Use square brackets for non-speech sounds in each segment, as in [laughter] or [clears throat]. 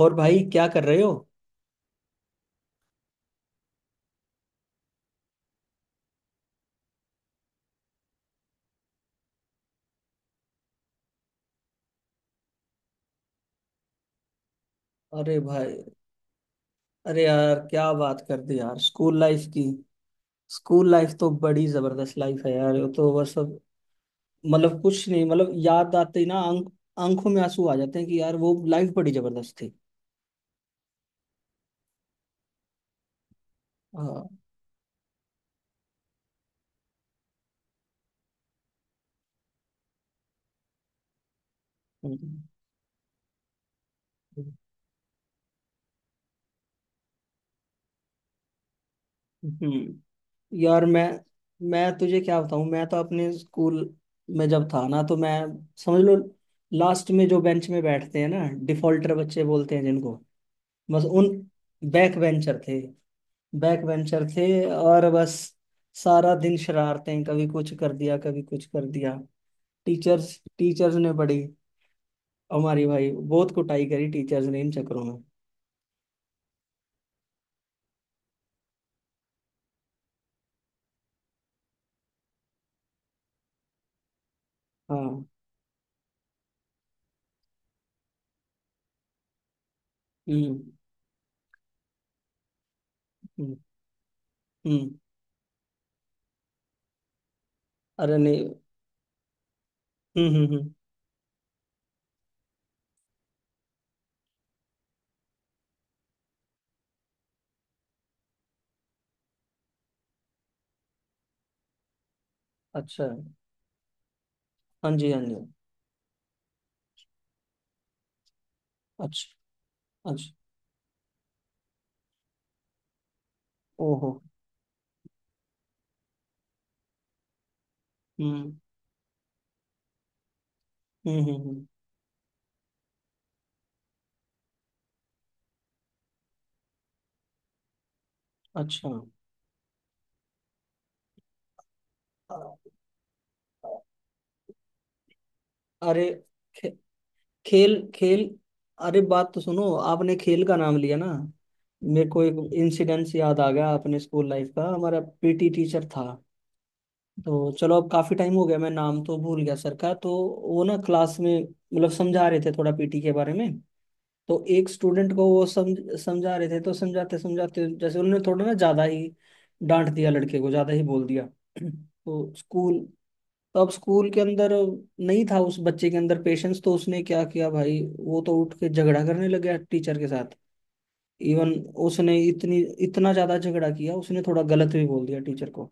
और भाई क्या कर रहे हो? अरे भाई। अरे यार क्या बात कर दी यार, स्कूल लाइफ की। स्कूल लाइफ तो बड़ी जबरदस्त लाइफ है यार, वो तो बस मतलब कुछ नहीं। मतलब याद आते ही ना आंखों में आंसू आ जाते हैं कि यार वो लाइफ बड़ी जबरदस्त थी। हाँ। हम्म, हम्म। यार मैं तुझे क्या बताऊं। मैं तो अपने स्कूल में जब था ना तो मैं समझ लो लास्ट में जो बेंच में बैठते हैं ना, डिफॉल्टर बच्चे बोलते हैं जिनको, बस उन। बैक बेंचर थे। बैक बेंचर थे। और बस सारा दिन शरारतें, कभी कुछ कर दिया, कभी कुछ कर दिया। टीचर्स टीचर्स ने बड़ी हमारी भाई बहुत कुटाई करी टीचर्स ने इन चक्करों में। हाँ। हम्म हम्म हम्म। अरे नहीं। हम्म। अच्छा। हाँ जी हाँ जी। अच्छा। अच्छा। ओहो। हम्म हम्म। अच्छा। अ- अरे, खे- खेल खेल। अरे, बात तो सुनो, आपने खेल का नाम लिया ना, मेरे को एक इंसिडेंस याद आ गया अपने स्कूल लाइफ का। हमारा पीटी टीचर था। तो चलो अब काफी टाइम हो गया, मैं नाम तो भूल गया सर का। तो वो ना क्लास में मतलब समझा रहे थे थोड़ा पीटी के बारे में। तो एक स्टूडेंट को वो समझा रहे थे। तो समझाते समझाते जैसे उन्होंने थोड़ा ना ज्यादा ही डांट दिया लड़के को, ज्यादा ही बोल दिया। [clears throat] तो स्कूल तो अब स्कूल के अंदर नहीं था उस बच्चे के अंदर पेशेंस। तो उसने क्या किया भाई, वो तो उठ के झगड़ा करने लग गया टीचर के साथ। इवन उसने इतनी इतना ज्यादा झगड़ा किया। उसने थोड़ा गलत भी बोल दिया टीचर को।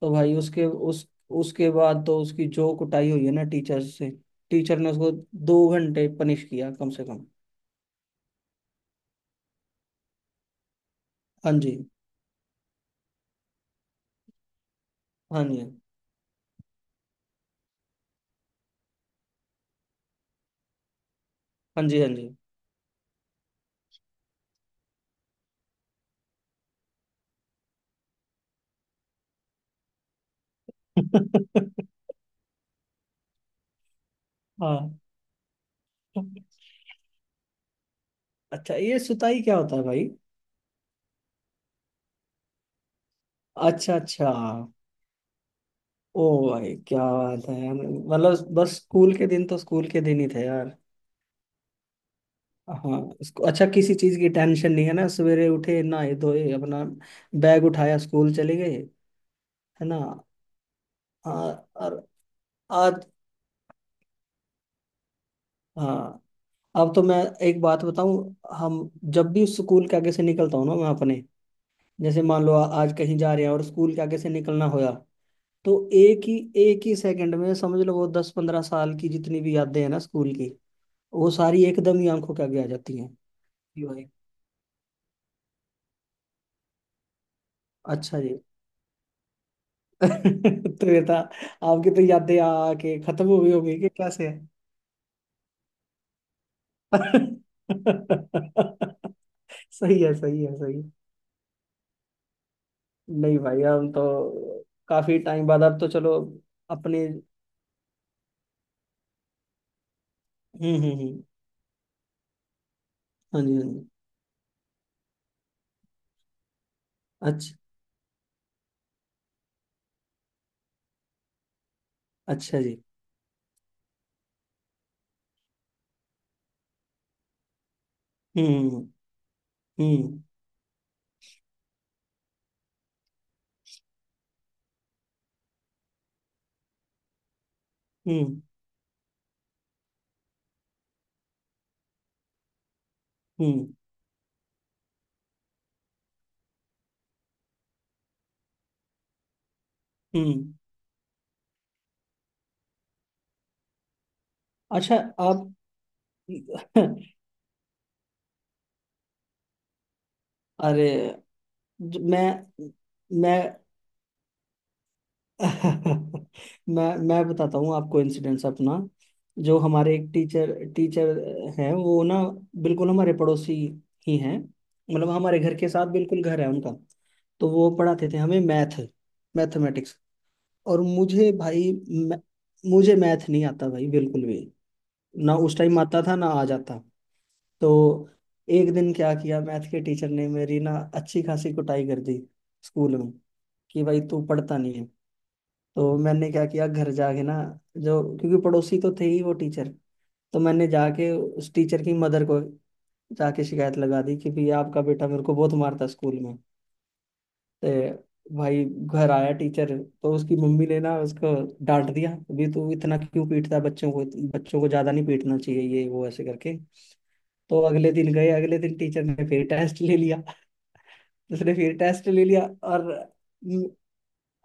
तो भाई उसके बाद तो उसकी जो कुटाई हुई है ना टीचर से, टीचर ने उसको 2 घंटे पनिश किया कम से कम। हाँ जी हाँ जी। हाँ जी हाँ जी। [laughs] हाँ। अच्छा ये सुताई क्या होता है भाई? अच्छा। अच्छा। ओ, भाई क्या बात है, मतलब बस स्कूल के दिन तो स्कूल के दिन ही थे यार। हाँ, इसको अच्छा किसी चीज की टेंशन नहीं है ना। सवेरे उठे, नहाए धोए, अपना बैग उठाया, स्कूल चले गए। है ना। आ, और। आज। हाँ। अब तो मैं एक बात बताऊं। हम जब भी स्कूल के आगे से निकलता हूँ ना मैं अपने, जैसे मान लो आज कहीं जा रहे हैं और स्कूल के आगे से निकलना होया, तो एक ही सेकंड में समझ लो, वो 10-15 साल की जितनी भी यादें हैं ना स्कूल की, वो सारी एकदम ही आंखों के आगे आ जाती हैं। जी भाई। अच्छा जी। [laughs] तो ये था। आपकी तो यादें आके खत्म हो गई होगी, कि कैसे है। [laughs] सही है सही है सही है। नहीं भाई, हम तो काफी टाइम बाद, अब तो चलो अपने। हम्म हम्म हम्म। हाँ जी हाँ जी। अच्छा। अच्छा जी। हम्म हम्म हम्म। हम्म हम्म हम्म। अच्छा। आप? अरे ज- मैं मैं। [laughs] मैं बताता हूँ आपको इंसिडेंस अपना। जो हमारे एक टीचर टीचर हैं वो ना बिल्कुल हमारे पड़ोसी ही हैं। मतलब हमारे घर के साथ बिल्कुल घर है उनका। तो वो पढ़ाते थे हमें मैथमेटिक्स। और मुझे भाई मुझे मैथ नहीं आता भाई बिल्कुल भी। ना उस टाइम आता था, ना आज आता। तो एक दिन क्या किया मैथ के टीचर ने, मेरी ना अच्छी खासी कुटाई कर दी स्कूल में, कि भाई तू पढ़ता नहीं है। तो मैंने क्या किया घर जाके ना, जो क्योंकि पड़ोसी तो थे ही वो टीचर, तो मैंने जाके उस टीचर की मदर को जाके शिकायत लगा दी कि भाई आपका बेटा मेरे को बहुत मारता है स्कूल में। ते भाई घर आया टीचर, तो उसकी मम्मी ने ना उसको डांट दिया, अभी तू इतना क्यों पीटता है बच्चों को, बच्चों को ज्यादा नहीं पीटना चाहिए, ये वो ऐसे करके। तो अगले दिन गए, अगले दिन टीचर ने फिर टेस्ट ले लिया। उसने फिर टेस्ट ले लिया, और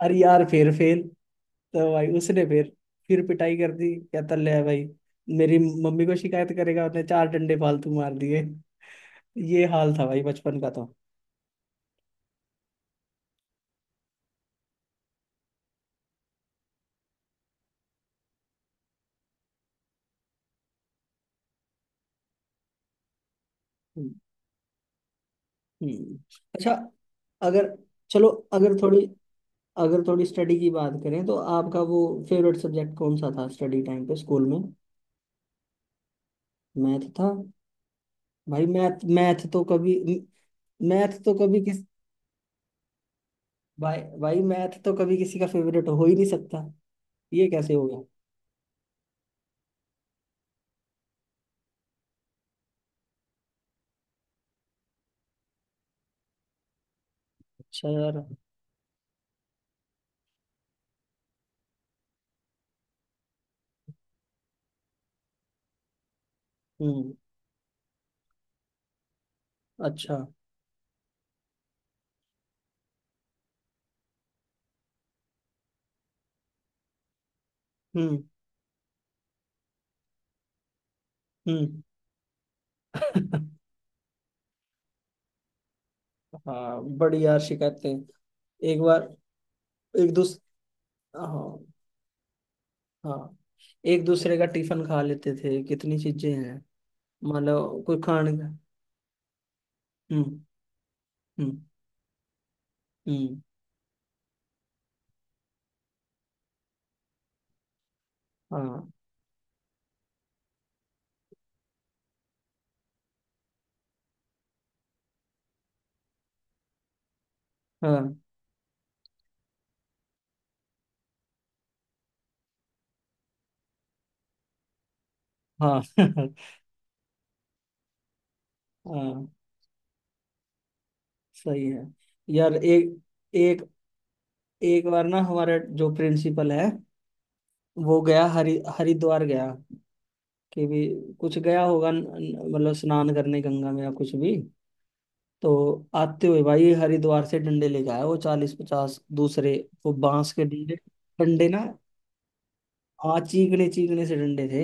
अरे यार फिर फेल। तो भाई उसने फिर पिटाई कर दी, कहता ले भाई, मेरी मम्मी को शिकायत करेगा, उसने चार डंडे फालतू मार दिए। ये हाल था भाई बचपन का। तो हम्म, हम्म। अच्छा। अगर चलो, अगर थोड़ी स्टडी की बात करें तो आपका वो फेवरेट सब्जेक्ट कौन सा था स्टडी टाइम पे स्कूल में? मैथ था? भाई मैथ मैथ तो कभी, मैथ तो कभी किस भाई भाई मैथ तो कभी किसी का फेवरेट हो ही नहीं सकता। ये कैसे हो गया? अच्छा यार। हम्म। अच्छा। हम्म हम्म। [laughs] हाँ बड़ी यार शिकायतें। एक बार। एक दूसरे। हाँ हाँ। एक दूसरे का टिफिन खा लेते थे, कितनी चीजें हैं। मान लो कोई खाने का। हम्म हम्म हम्म। हाँ हाँ हाँ। [laughs] हाँ सही है। यार एक एक एक बार ना हमारा जो प्रिंसिपल है वो गया हरिद्वार गया, कि भी कुछ गया होगा मतलब स्नान करने गंगा में या कुछ भी। तो आते हुए भाई हरिद्वार से डंडे लेके आया, वो 40-50 दूसरे, वो बांस के डंडे, डंडे ना, आ चीकने चीकने से डंडे थे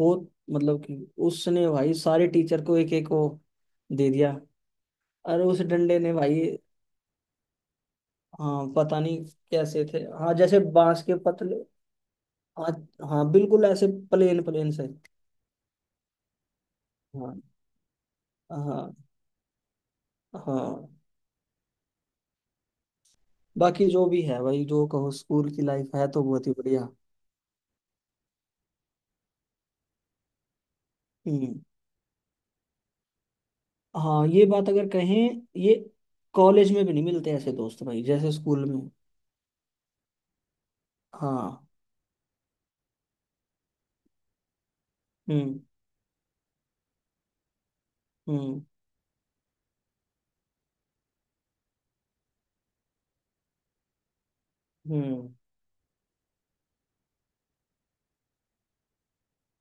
वो, मतलब कि उसने भाई सारे टीचर को एक एक को दे दिया। अरे उस डंडे ने भाई। हाँ पता नहीं कैसे थे। हाँ जैसे बांस के पतले। हाँ हाँ बिल्कुल ऐसे। प्लेन प्लेन से। हाँ हाँ हाँ। बाकी जो भी है भाई, जो कहो, स्कूल की लाइफ है तो बहुत ही बढ़िया। हम्म। हाँ ये बात अगर कहें। ये कॉलेज में भी नहीं मिलते ऐसे दोस्त भाई, जैसे स्कूल में। हाँ। हम्म हम्म हम्म।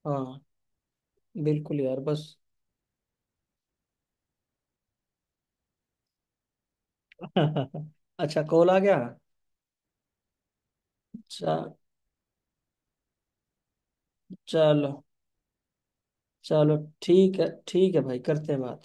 हाँ बिल्कुल यार बस। [laughs] अच्छा कॉल आ गया। चा, चलो चलो। ठीक है भाई, करते हैं बात।